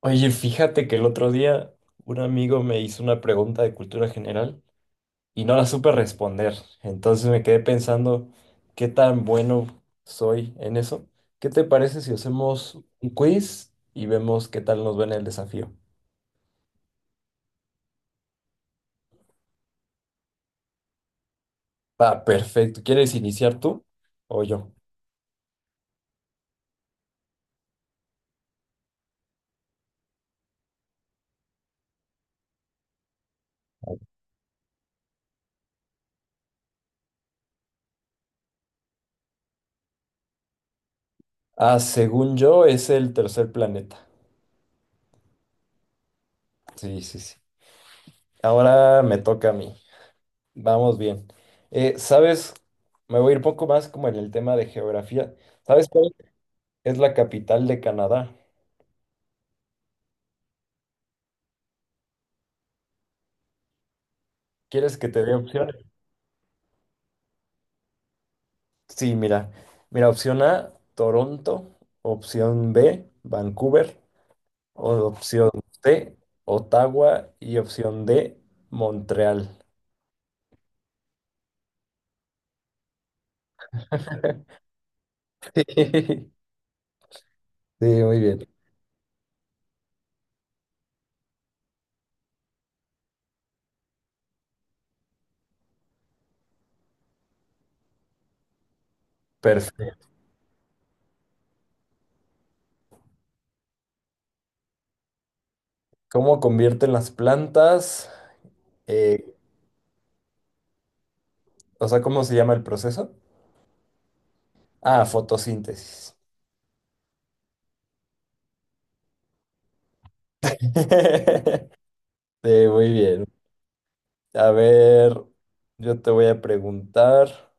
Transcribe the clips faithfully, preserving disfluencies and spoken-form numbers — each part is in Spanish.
Oye, fíjate que el otro día un amigo me hizo una pregunta de cultura general y no la supe responder. Entonces me quedé pensando qué tan bueno soy en eso. ¿Qué te parece si hacemos un quiz y vemos qué tal nos va en el desafío? Va, perfecto. ¿Quieres iniciar tú o yo? Ah, según yo es el tercer planeta. Sí, sí, sí. Ahora me toca a mí. Vamos bien. Eh, ¿sabes? Me voy a ir poco más como en el tema de geografía. ¿Sabes? Es la capital de Canadá. ¿Quieres que te dé opciones? Sí, mira. Mira, opción A, Toronto. Opción B, Vancouver. O- opción C, Ottawa. Y opción D, Montreal. Sí, muy bien. Perfecto. ¿Cómo convierten las plantas? Eh, o sea, ¿cómo se llama el proceso? Ah, fotosíntesis. Sí, muy bien. A ver, yo te voy a preguntar.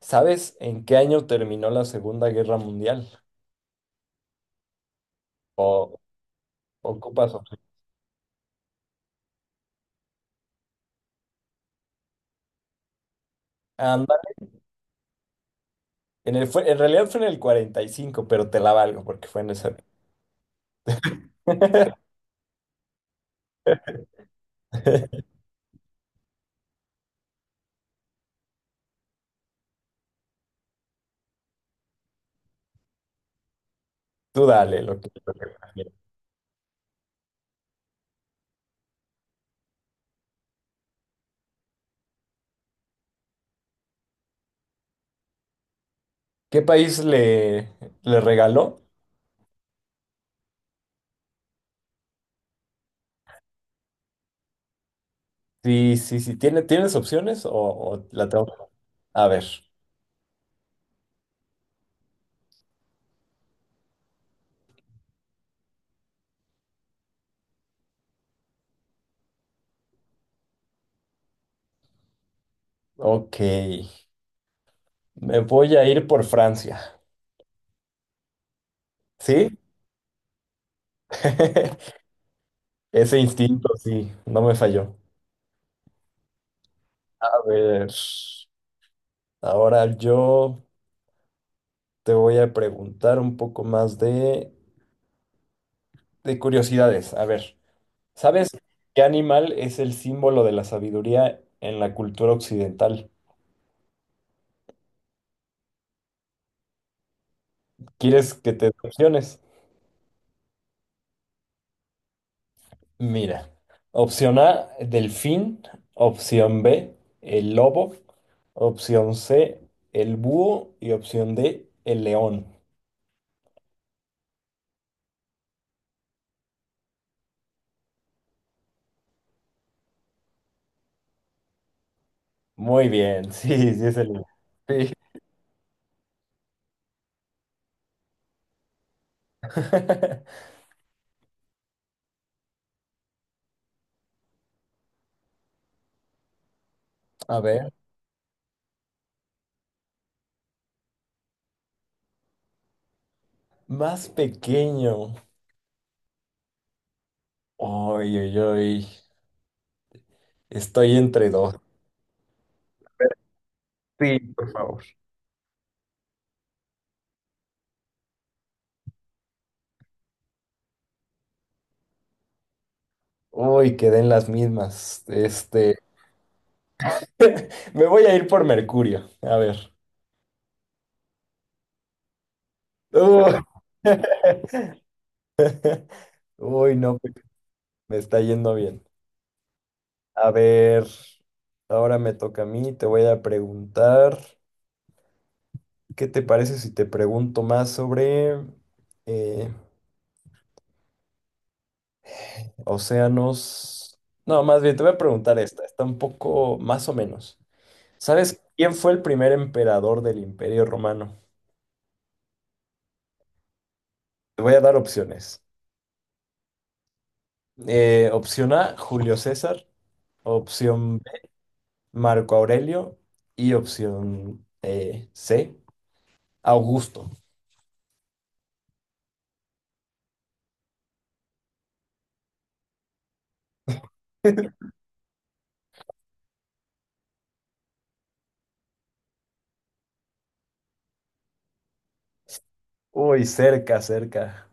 ¿Sabes en qué año terminó la Segunda Guerra Mundial? O ocupas opción. Anda, en el, fue, en realidad fue en el cuarenta y cinco, pero te la valgo porque fue en ese. Tú dale lo que, lo que prefieras. ¿Qué país le, ¿Le regaló? Sí, sí, sí. ¿Tiene, ¿tienes opciones o, o la tengo? Que... A ver, ok. Me voy a ir por Francia. ¿Sí? Ese instinto, sí, no me falló. A ver, ahora yo. Te voy a preguntar un poco más de, de curiosidades. A ver, ¿sabes qué animal es el símbolo de la sabiduría en la cultura occidental? ¿Quieres que te dé opciones? Mira, opción A, delfín, opción B, el lobo, opción C, el búho y opción D, el león. Muy bien, sí, sí es el león. Sí. A ver, más pequeño. Oye, oye, oye. Estoy entre dos. Sí, por favor. Uy, quedé en las mismas. Este, me voy a ir por Mercurio. A ver. Uy, uy, no, pues, me está yendo bien. A ver, ahora me toca a mí. Te voy a preguntar, ¿qué te parece si te pregunto más sobre eh, océanos? No, más bien te voy a preguntar esta. Está un poco más o menos. ¿Sabes quién fue el primer emperador del Imperio Romano? Te voy a dar opciones. Eh, opción A, Julio César. Opción B, Marco Aurelio. Y opción eh, C, Augusto. Uy, cerca, cerca.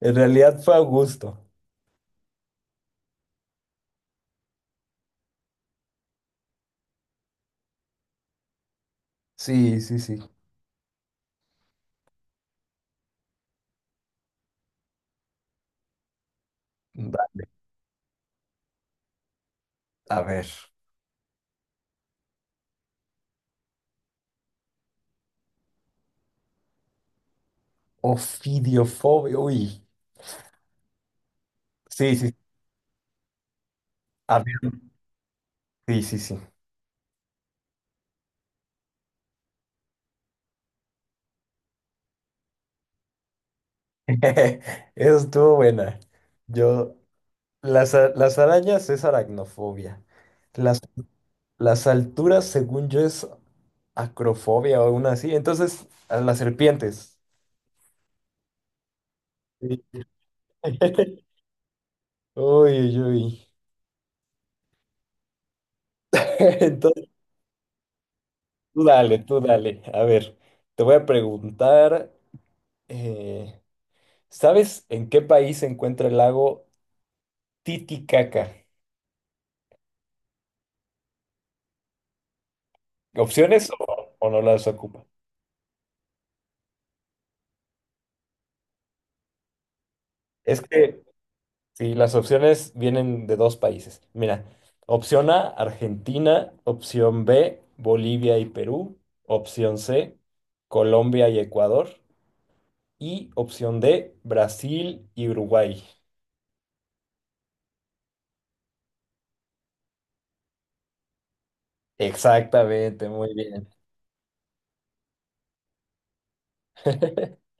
En realidad fue Augusto. Sí, sí, sí. Va, a ver. Ofidiofobia. Uy. Sí, sí. A ver. Sí, sí, sí. Eso estuvo buena. Yo. Las, a- las arañas es aracnofobia. Las Las alturas, según yo, es acrofobia o una así. Entonces, a las serpientes. Sí. Uy, uy, uy. Entonces, tú dale, tú dale. A ver, te voy a preguntar, eh, ¿sabes en qué país se encuentra el lago Titicaca? ¿Opciones o, o no las ocupa? Es que Sí, las opciones vienen de dos países. Mira, opción A, Argentina, opción B, Bolivia y Perú, opción C, Colombia y Ecuador, y opción D, Brasil y Uruguay. Exactamente, muy bien.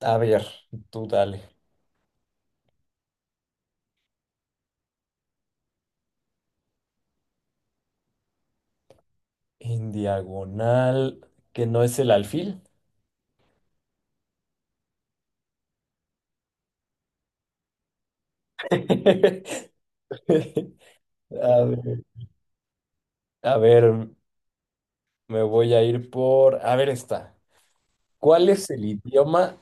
A ver, tú dale. En diagonal, que no es el alfil. A ver, a ver, me voy a ir por... A ver, está. ¿Cuál es el idioma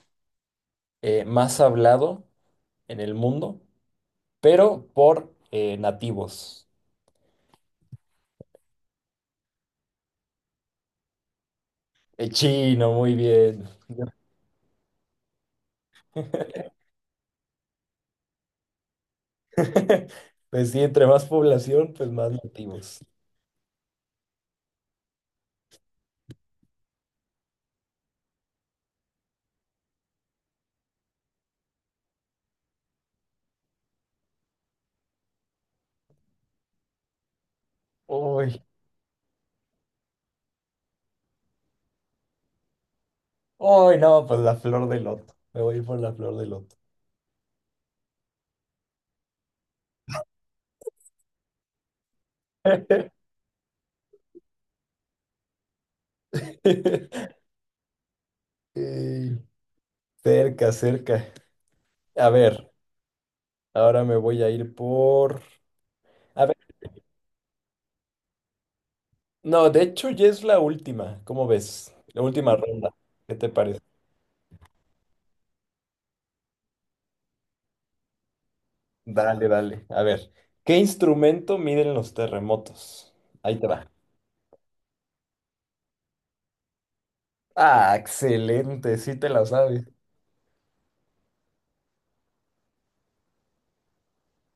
eh, más hablado en el mundo, pero por eh, nativos? El chino, muy bien. Pues sí, entre más población, pues más nativos. Uy, uy, no, pues la flor de loto. Me voy a ir por la flor de loto. Ey, cerca, cerca. A ver, ahora me voy a ir por... A ver, no, de hecho ya es la última, ¿cómo ves? La última ronda. ¿Qué te parece? Dale, dale. A ver, ¿qué instrumento miden los terremotos? Ahí te va. Ah, excelente, sí te la sabes.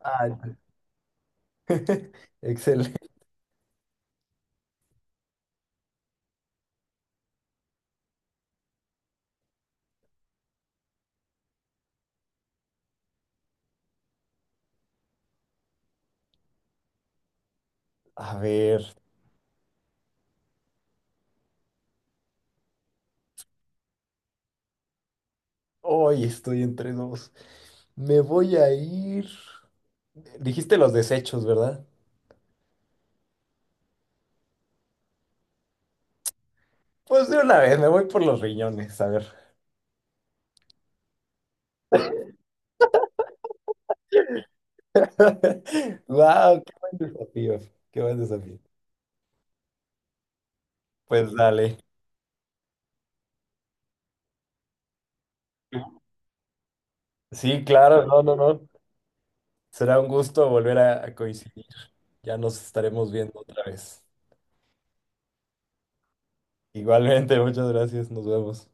Ay, excelente. A ver, hoy estoy entre dos. Me voy a ir. Dijiste los desechos, ¿verdad? Pues de una vez, me voy por los riñones, a ver. Wow, qué buen desafío, qué buen desafío. Pues dale. Sí, claro, no, no, no. Será un gusto volver a a coincidir. Ya nos estaremos viendo otra vez. Igualmente, muchas gracias. Nos vemos.